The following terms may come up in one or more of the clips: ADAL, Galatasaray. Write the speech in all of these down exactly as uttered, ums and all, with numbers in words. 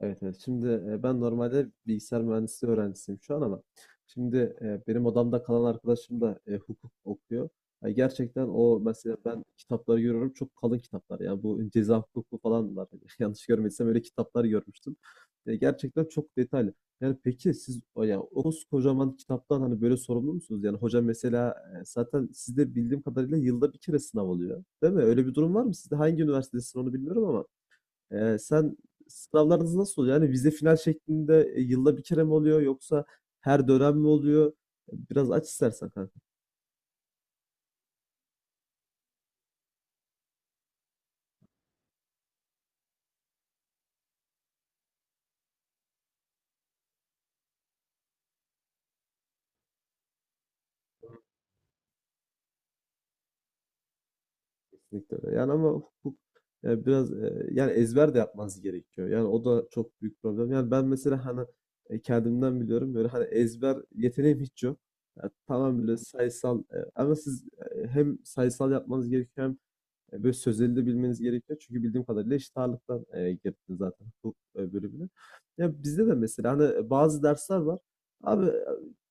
Evet, evet. Şimdi e, ben normalde bilgisayar mühendisliği öğrencisiyim şu an ama şimdi e, benim odamda kalan arkadaşım da e, hukuk okuyor. Yani gerçekten o mesela ben kitapları görüyorum, çok kalın kitaplar. Yani bu ceza hukuku falan var. Yanlış görmediysem öyle kitaplar görmüştüm. E, gerçekten çok detaylı. Yani peki siz o yani o kocaman kitaptan hani böyle sorumlu musunuz? Yani hoca mesela e, zaten sizde bildiğim kadarıyla yılda bir kere sınav oluyor. Değil mi? Öyle bir durum var mı sizde? Hangi üniversitedesin onu bilmiyorum ama. Eee, sen sınavlarınız nasıl oluyor? Yani vize final şeklinde e, yılda bir kere mi oluyor yoksa her dönem mi oluyor? Biraz aç istersen kanka. Kesinlikle öyle. Yani ama hukuk e, biraz e, yani ezber de yapmanız gerekiyor. Yani o da çok büyük problem. Yani ben mesela hani e, kendimden biliyorum, böyle hani ezber yeteneğim hiç yok. Yani tamam, böyle sayısal e, ama siz e, hem sayısal yapmanız gerekiyor. E, Böyle sözleri de bilmeniz gerekiyor. Çünkü bildiğim kadarıyla eşit ağırlıktan e, girdin zaten hukuk e, bölümüne. Ya bizde de mesela hani e, bazı dersler var. Abi e,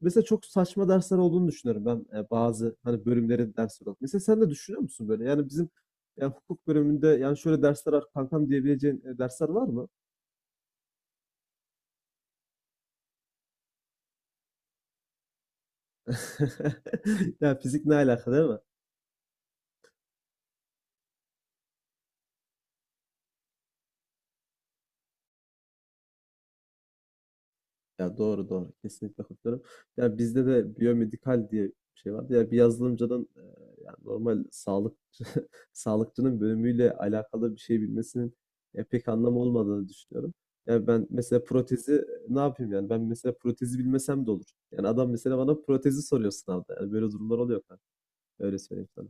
mesela çok saçma dersler olduğunu düşünüyorum ben, e, bazı hani bölümlerin dersleri olarak. Mesela sen de düşünüyor musun böyle? Yani bizim yani hukuk bölümünde yani şöyle dersler var kankam diyebileceğin e, dersler var mı? Ya fizik ne alaka, değil mi? Ya doğru doğru. Kesinlikle katılıyorum. Ya bizde de biyomedikal diye bir şey vardı. Ya bir yazılımcının e, yani normal sağlıkçı sağlıkçının bölümüyle alakalı bir şey bilmesinin e, pek anlamı olmadığını düşünüyorum. Ya ben mesela protezi ne yapayım yani? Ben mesela protezi bilmesem de olur. Yani adam mesela bana protezi soruyor sınavda. Yani böyle durumlar oluyor kanka. Öyle söyleyeyim sana.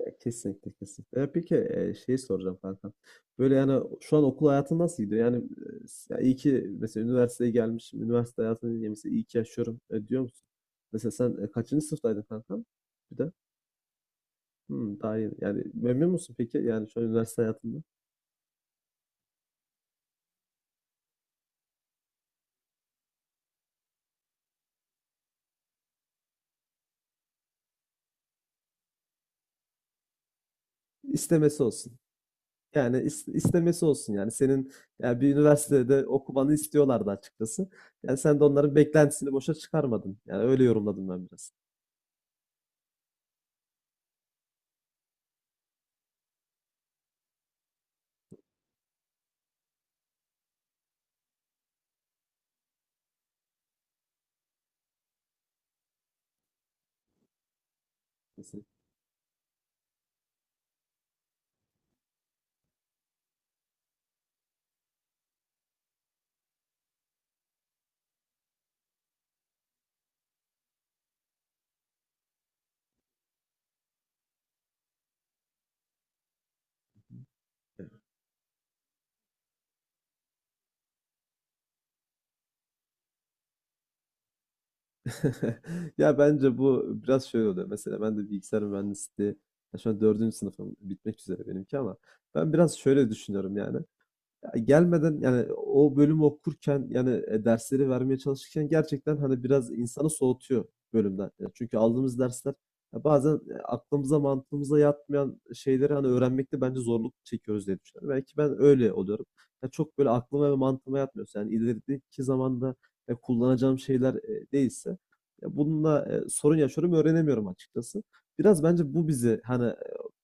Ya kesinlikle, kesinlikle. Ya peki e, şey soracağım kanka. Böyle yani şu an okul hayatın nasıl gidiyor? Yani e, s- ya iyi ki mesela üniversiteye gelmişim, üniversite hayatını diye mesela iyi ki yaşıyorum e, diyor musun? Mesela sen e, kaçıncı sınıftaydın kanka? Bir de hmm, daha yeni. Yani memnun musun peki? Yani şu an üniversite hayatında. İstemesi olsun. Yani is- istemesi olsun yani. Senin yani bir üniversitede okumanı istiyorlardı açıkçası. Yani sen de onların beklentisini boşa çıkarmadın. Yani öyle yorumladım ben biraz. Ya bence bu biraz şöyle oluyor. Mesela ben de bilgisayar mühendisliği, ya şu an dördüncü sınıfım bitmek üzere benimki, ama ben biraz şöyle düşünüyorum yani. Ya gelmeden yani o bölümü okurken yani e, dersleri vermeye çalışırken gerçekten hani biraz insanı soğutuyor bölümden. Yani çünkü aldığımız dersler, ya bazen e, aklımıza mantığımıza yatmayan şeyleri hani öğrenmekte bence zorluk çekiyoruz diye düşünüyorum. Belki ben öyle oluyorum. Ya çok böyle aklıma ve mantığıma yatmıyorsa, yani ilerideki zamanda e, kullanacağım şeyler e, değilse, ya bununla e, sorun yaşıyorum, öğrenemiyorum açıkçası. Biraz bence bu bizi hani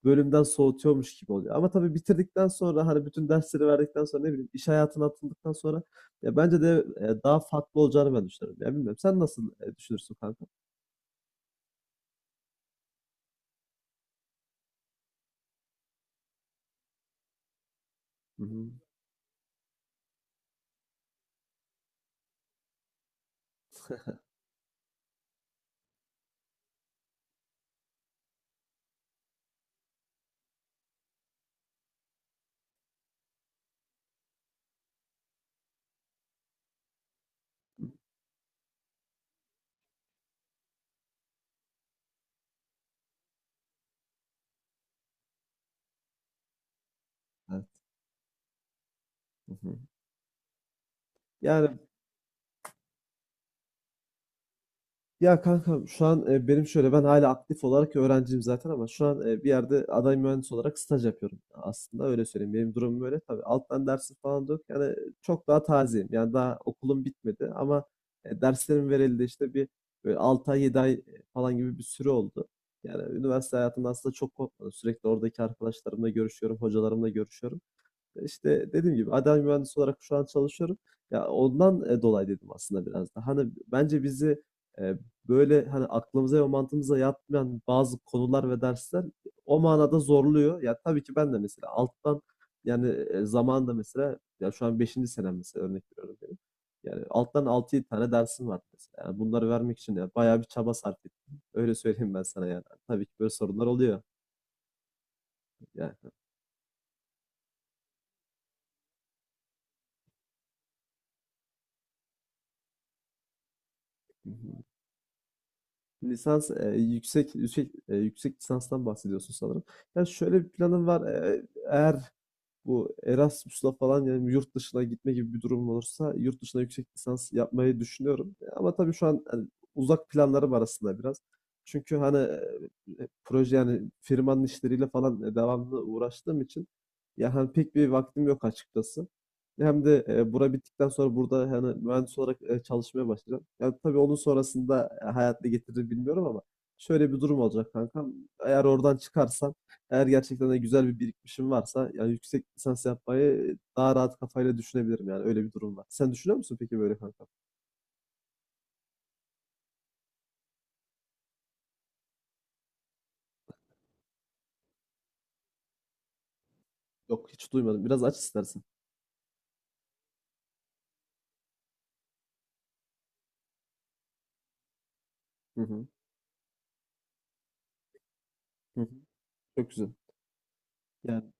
bölümden soğutuyormuş gibi oluyor. Ama tabii bitirdikten sonra, hani bütün dersleri verdikten sonra, ne bileyim iş hayatına atıldıktan sonra, ya bence de e, daha farklı olacağını ben düşünüyorum. Ya bilmiyorum, sen nasıl e, düşünürsün kanka? Hı hı. Evet. Hı hı. Yani. Ya kankam şu an e, benim şöyle, ben hala aktif olarak öğrenciyim zaten ama şu an e, bir yerde aday mühendis olarak staj yapıyorum. Aslında öyle söyleyeyim. Benim durumum böyle. Tabii alttan dersim falan da yok. Yani e, çok daha tazeyim. Yani daha okulum bitmedi ama e, derslerim verildi, işte bir böyle altı ay yedi ay e, falan gibi bir süre oldu. Yani üniversite hayatımda aslında çok kopmadım. Sürekli oradaki arkadaşlarımla görüşüyorum, hocalarımla görüşüyorum. İşte, dediğim gibi A D A L mühendisi olarak şu an çalışıyorum. Ya ondan, eee, dolayı dedim aslında biraz da. Hani bence bizi, eee, böyle, hani aklımıza ve mantığımıza yatmayan bazı konular ve dersler o manada zorluyor. Ya tabii ki ben de mesela alttan, yani, eee, zamanında mesela, ya, şu an beşinci senem mesela, örnek veriyorum benim. Yani alttan altı yedi tane dersim var mesela. Yani bunları vermek için, ya, bayağı bir çaba sarf ettim. Öyle söyleyeyim ben sana yani. Tabii ki böyle sorunlar oluyor. Yani. Lisans e, yüksek yüksek e, yüksek lisanstan bahsediyorsun sanırım. Ya şöyle bir planım var. E, eğer bu Erasmus'la falan, yani yurt dışına gitme gibi bir durum olursa, yurt dışına yüksek lisans yapmayı düşünüyorum. Ama tabii şu an hani uzak planlarım arasında biraz. Çünkü hani e, e, proje, yani firmanın işleriyle falan e, devamlı uğraştığım için ya hani pek bir vaktim yok açıkçası. Hem de e, bura bittikten sonra burada hani mühendis olarak e, çalışmaya başlayacağım. Yani tabii onun sonrasında e, hayat ne getirir bilmiyorum ama şöyle bir durum olacak kankam. Eğer oradan çıkarsam, eğer gerçekten de güzel bir birikmişim varsa, yani yüksek lisans yapmayı daha rahat kafayla düşünebilirim, yani öyle bir durum var. Sen düşünüyor musun peki böyle kanka? Yok, hiç duymadım. Biraz aç istersen. Hı hı. Hı hı. Çok güzel. Yani.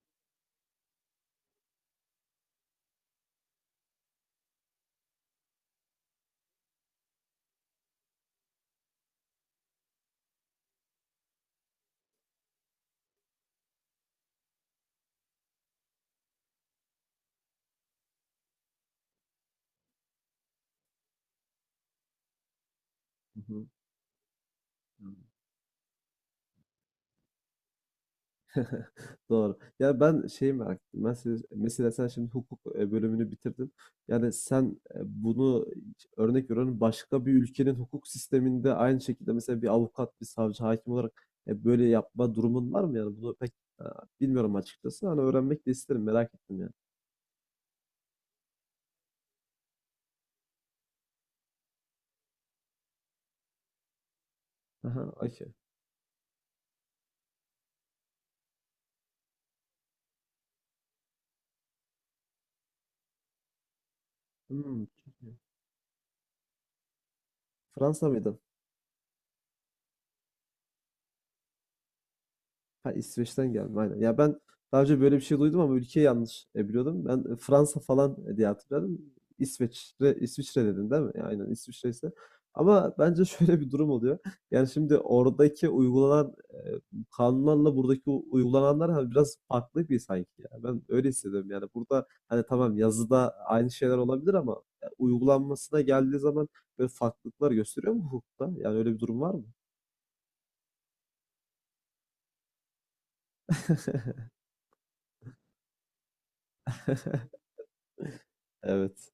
Hı hı. Doğru. Ya ben şeyi merak ettim. Mesela, mesela sen şimdi hukuk e, bölümünü bitirdin. Yani sen e, bunu, örnek veriyorum, başka bir ülkenin hukuk sisteminde aynı şekilde mesela bir avukat, bir savcı, hakim olarak e, böyle yapma durumun var mı? Yani bunu pek e, bilmiyorum açıkçası. Hani öğrenmek de isterim. Merak ettim yani. Aha, okey. Hmm, çok iyi. Fransa mıydı? Ha, İsveç'ten gelme, aynen. Ya ben daha önce böyle bir şey duydum ama ülkeyi yanlış e, biliyordum. Ben e, Fransa falan e, diye hatırladım. İsveç'te, İsviçre dedin değil mi? Ya aynen, İsviçre ise. Ama bence şöyle bir durum oluyor. Yani şimdi oradaki uygulanan e, kanunlarla buradaki u- uygulananlar hani biraz farklı bir sanki ya. Ben öyle hissediyorum yani. Burada hani tamam, yazıda aynı şeyler olabilir ama e, uygulanmasına geldiği zaman böyle farklılıklar gösteriyor mu hukukta? Yani öyle bir durum var mı? Evet.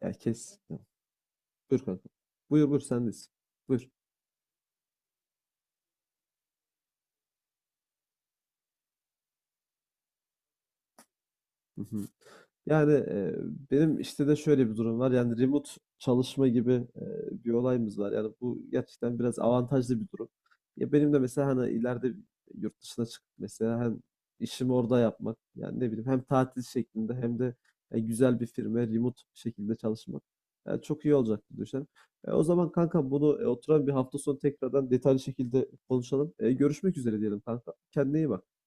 Ya kes. Buyur kanka. Buyur buyur, sendeyiz. Buyur. Hı hı. Yani e, benim işte de şöyle bir durum var. Yani remote çalışma gibi e, bir olayımız var. Yani bu gerçekten biraz avantajlı bir durum. Ya benim de mesela hani ileride yurt dışına çıkıp mesela hem işimi orada yapmak, yani ne bileyim, hem tatil şeklinde hem de e, güzel bir firma remote şekilde çalışmak, yani çok iyi olacak diye düşünüyorum. E, o zaman kanka bunu e, oturan bir hafta sonu tekrardan detaylı şekilde konuşalım. E, görüşmek üzere diyelim kanka. Kendine iyi bak.